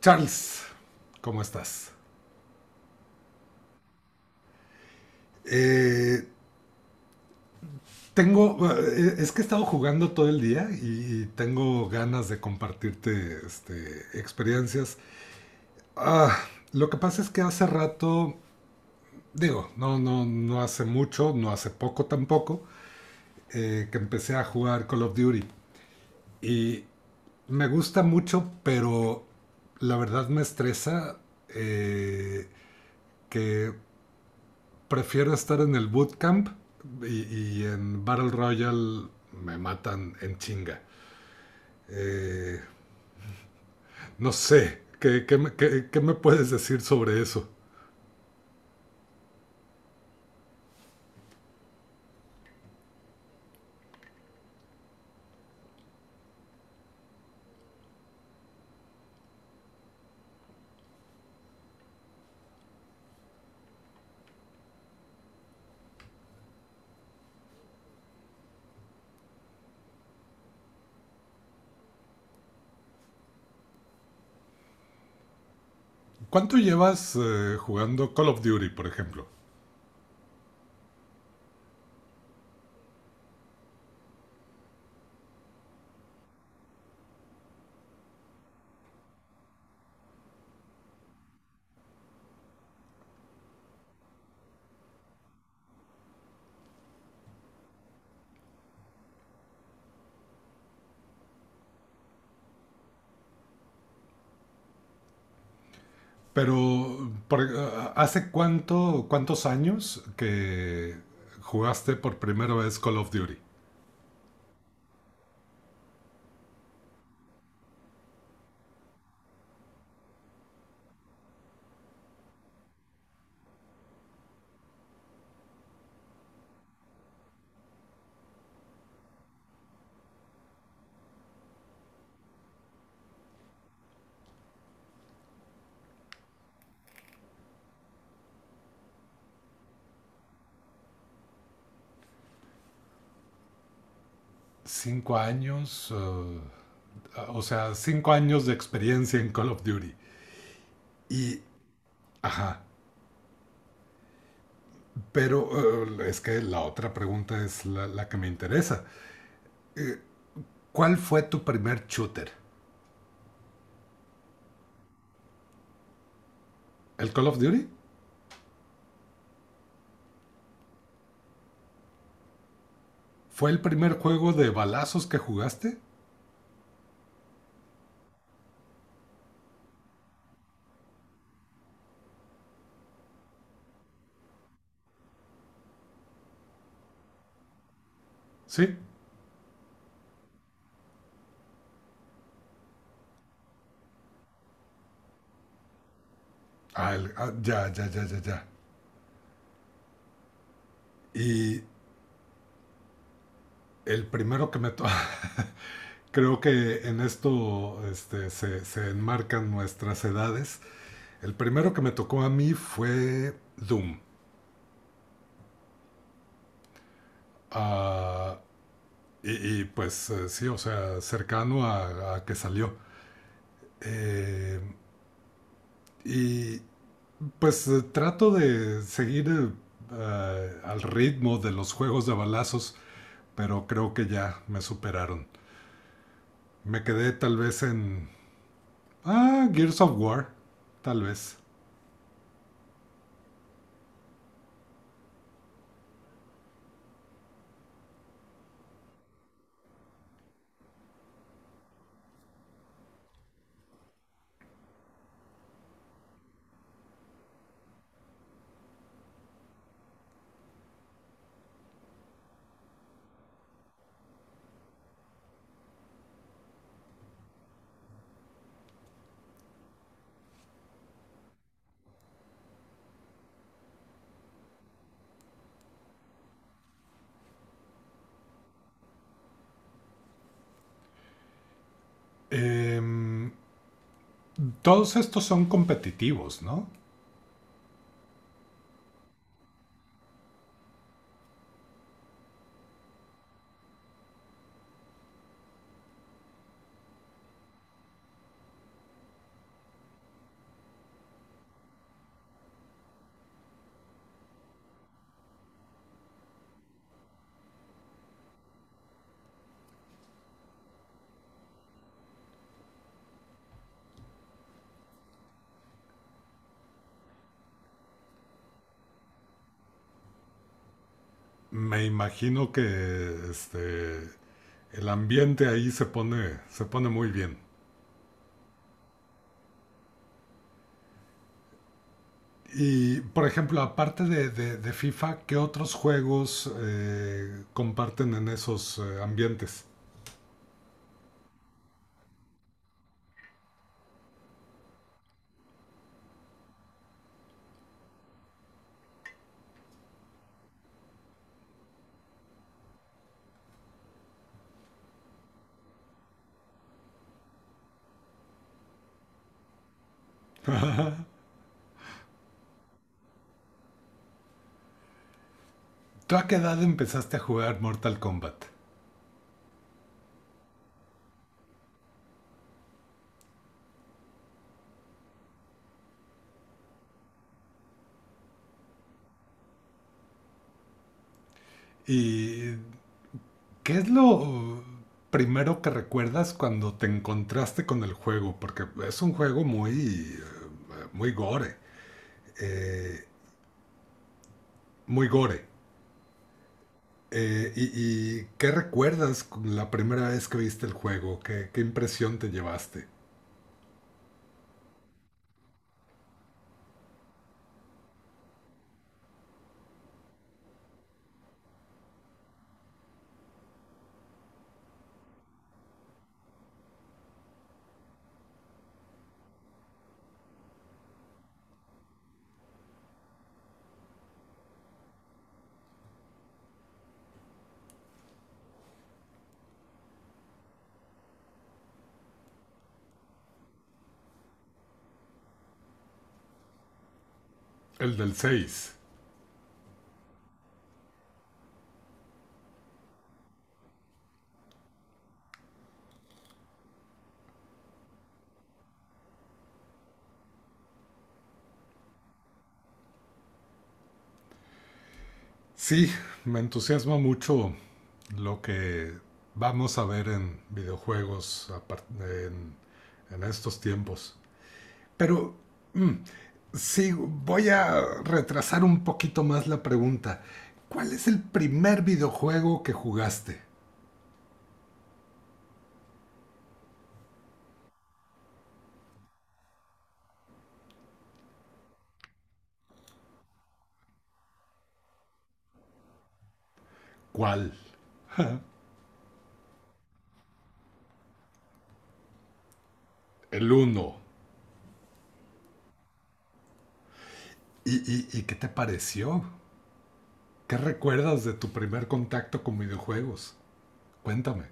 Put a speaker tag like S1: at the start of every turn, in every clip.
S1: Charles, ¿cómo estás? Eh, tengo, es que he estado jugando todo el día y tengo ganas de compartirte este, experiencias. Ah, lo que pasa es que hace rato, digo, no, no, no hace mucho, no hace poco tampoco, que empecé a jugar Call of Duty. Y me gusta mucho, pero la verdad me estresa eh, que prefiero estar en el bootcamp y en Battle Royale me matan en chinga. Eh, no sé, qué me puedes decir sobre eso? ¿Cuánto llevas jugando Call of Duty, por ejemplo? Pero, por- eh, ¿Hace cuánto, cuántos años que jugaste por primera vez Call of Duty? Cinco años, o sea, cinco años de experiencia en Call of Duty. Y, ajá, pero es que la otra pregunta es que me interesa. ¿Cuál fue tu primer shooter? ¿El Call of Duty? ¿Fue el primer juego de balazos que jugaste? Sí. Ah, ya, ya, ya, ya, ya. Y el primero que Creo que en se enmarcan nuestras edades. El primero que me tocó a mí fue Doom. Ah, pues sí, o sea, cercano a que salió. Eh, y Pues trato de seguir al ritmo de los juegos de balazos, pero creo que ya me superaron. Me quedé tal vez en... ah, Gears of War, tal vez. Em, todos estos son competitivos, ¿no? Me imagino que este, el ambiente ahí se pone muy bien. Y, por ejemplo, aparte de, de FIFA, ¿qué otros juegos comparten en esos ambientes? ¿Tú a qué edad empezaste a jugar Mortal Kombat? ¿Y qué es lo primero que recuerdas cuando te encontraste con el juego? Porque es un juego muy, muy gore. eh, muy gore. Eh, y, y qué recuerdas con la primera vez que viste el juego? ¿Qué, qué impresión te llevaste? El del 6. Sí, me entusiasma mucho lo que vamos a ver en videojuegos a en estos tiempos. Pero mm, sí, voy a retrasar un poquito más la pregunta. ¿Cuál es el primer videojuego que jugaste? ¿Cuál? El uno. ¿Y qué te pareció? ¿Qué recuerdas de tu primer contacto con videojuegos? Cuéntame.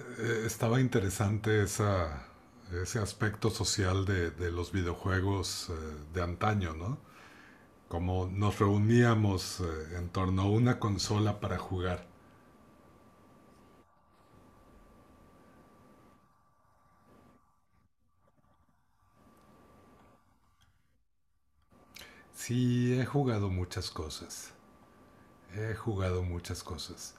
S1: Estaba interesante ese aspecto social de los videojuegos de antaño, ¿no? Como nos reuníamos en torno a una consola para jugar. Sí, he jugado muchas cosas. He jugado muchas cosas.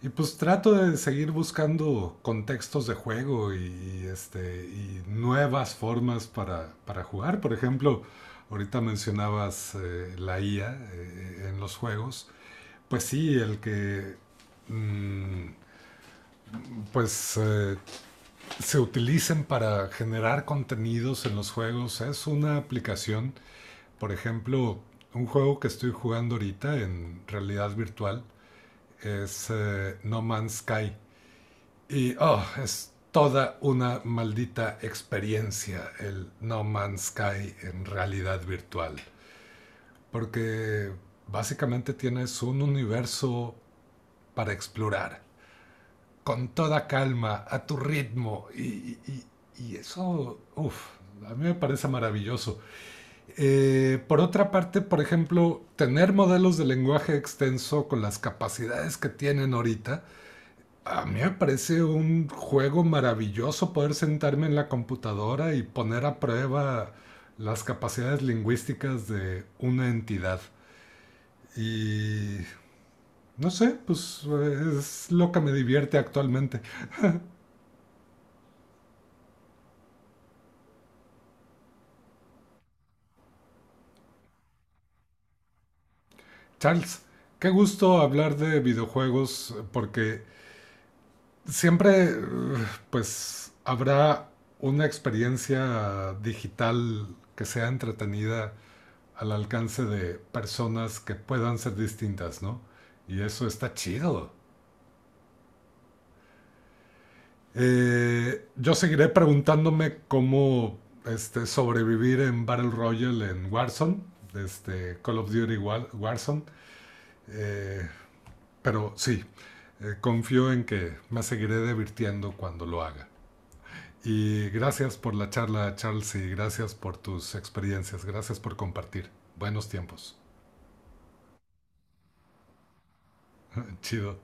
S1: Y pues trato de seguir buscando contextos de juego y nuevas formas para jugar. Por ejemplo, ahorita mencionabas la IA en los juegos. Pues sí, el que mm, pues eh, se utilicen para generar contenidos en los juegos es una aplicación. Por ejemplo, un juego que estoy jugando ahorita en realidad virtual es No Man's Sky. Y oh, es toda una maldita experiencia el No Man's Sky en realidad virtual. Porque básicamente tienes un universo para explorar. Con toda calma, a tu ritmo. Y, y eso, uff, a mí me parece maravilloso. Por otra parte, por ejemplo, tener modelos de lenguaje extenso con las capacidades que tienen ahorita, a mí me parece un juego maravilloso poder sentarme en la computadora y poner a prueba las capacidades lingüísticas de una entidad. Y no sé, pues es lo que me divierte actualmente. Charles, qué gusto hablar de videojuegos porque siempre pues habrá una experiencia digital que sea entretenida al alcance de personas que puedan ser distintas, ¿no? Y eso está chido. Yo seguiré preguntándome cómo este, sobrevivir en Battle Royale en Warzone, este, Call of Duty War, Warzone. Eh, pero sí, confío en que me seguiré divirtiendo cuando lo haga. Y gracias por la charla, Charles, y gracias por tus experiencias, gracias por compartir. Buenos tiempos. Chido.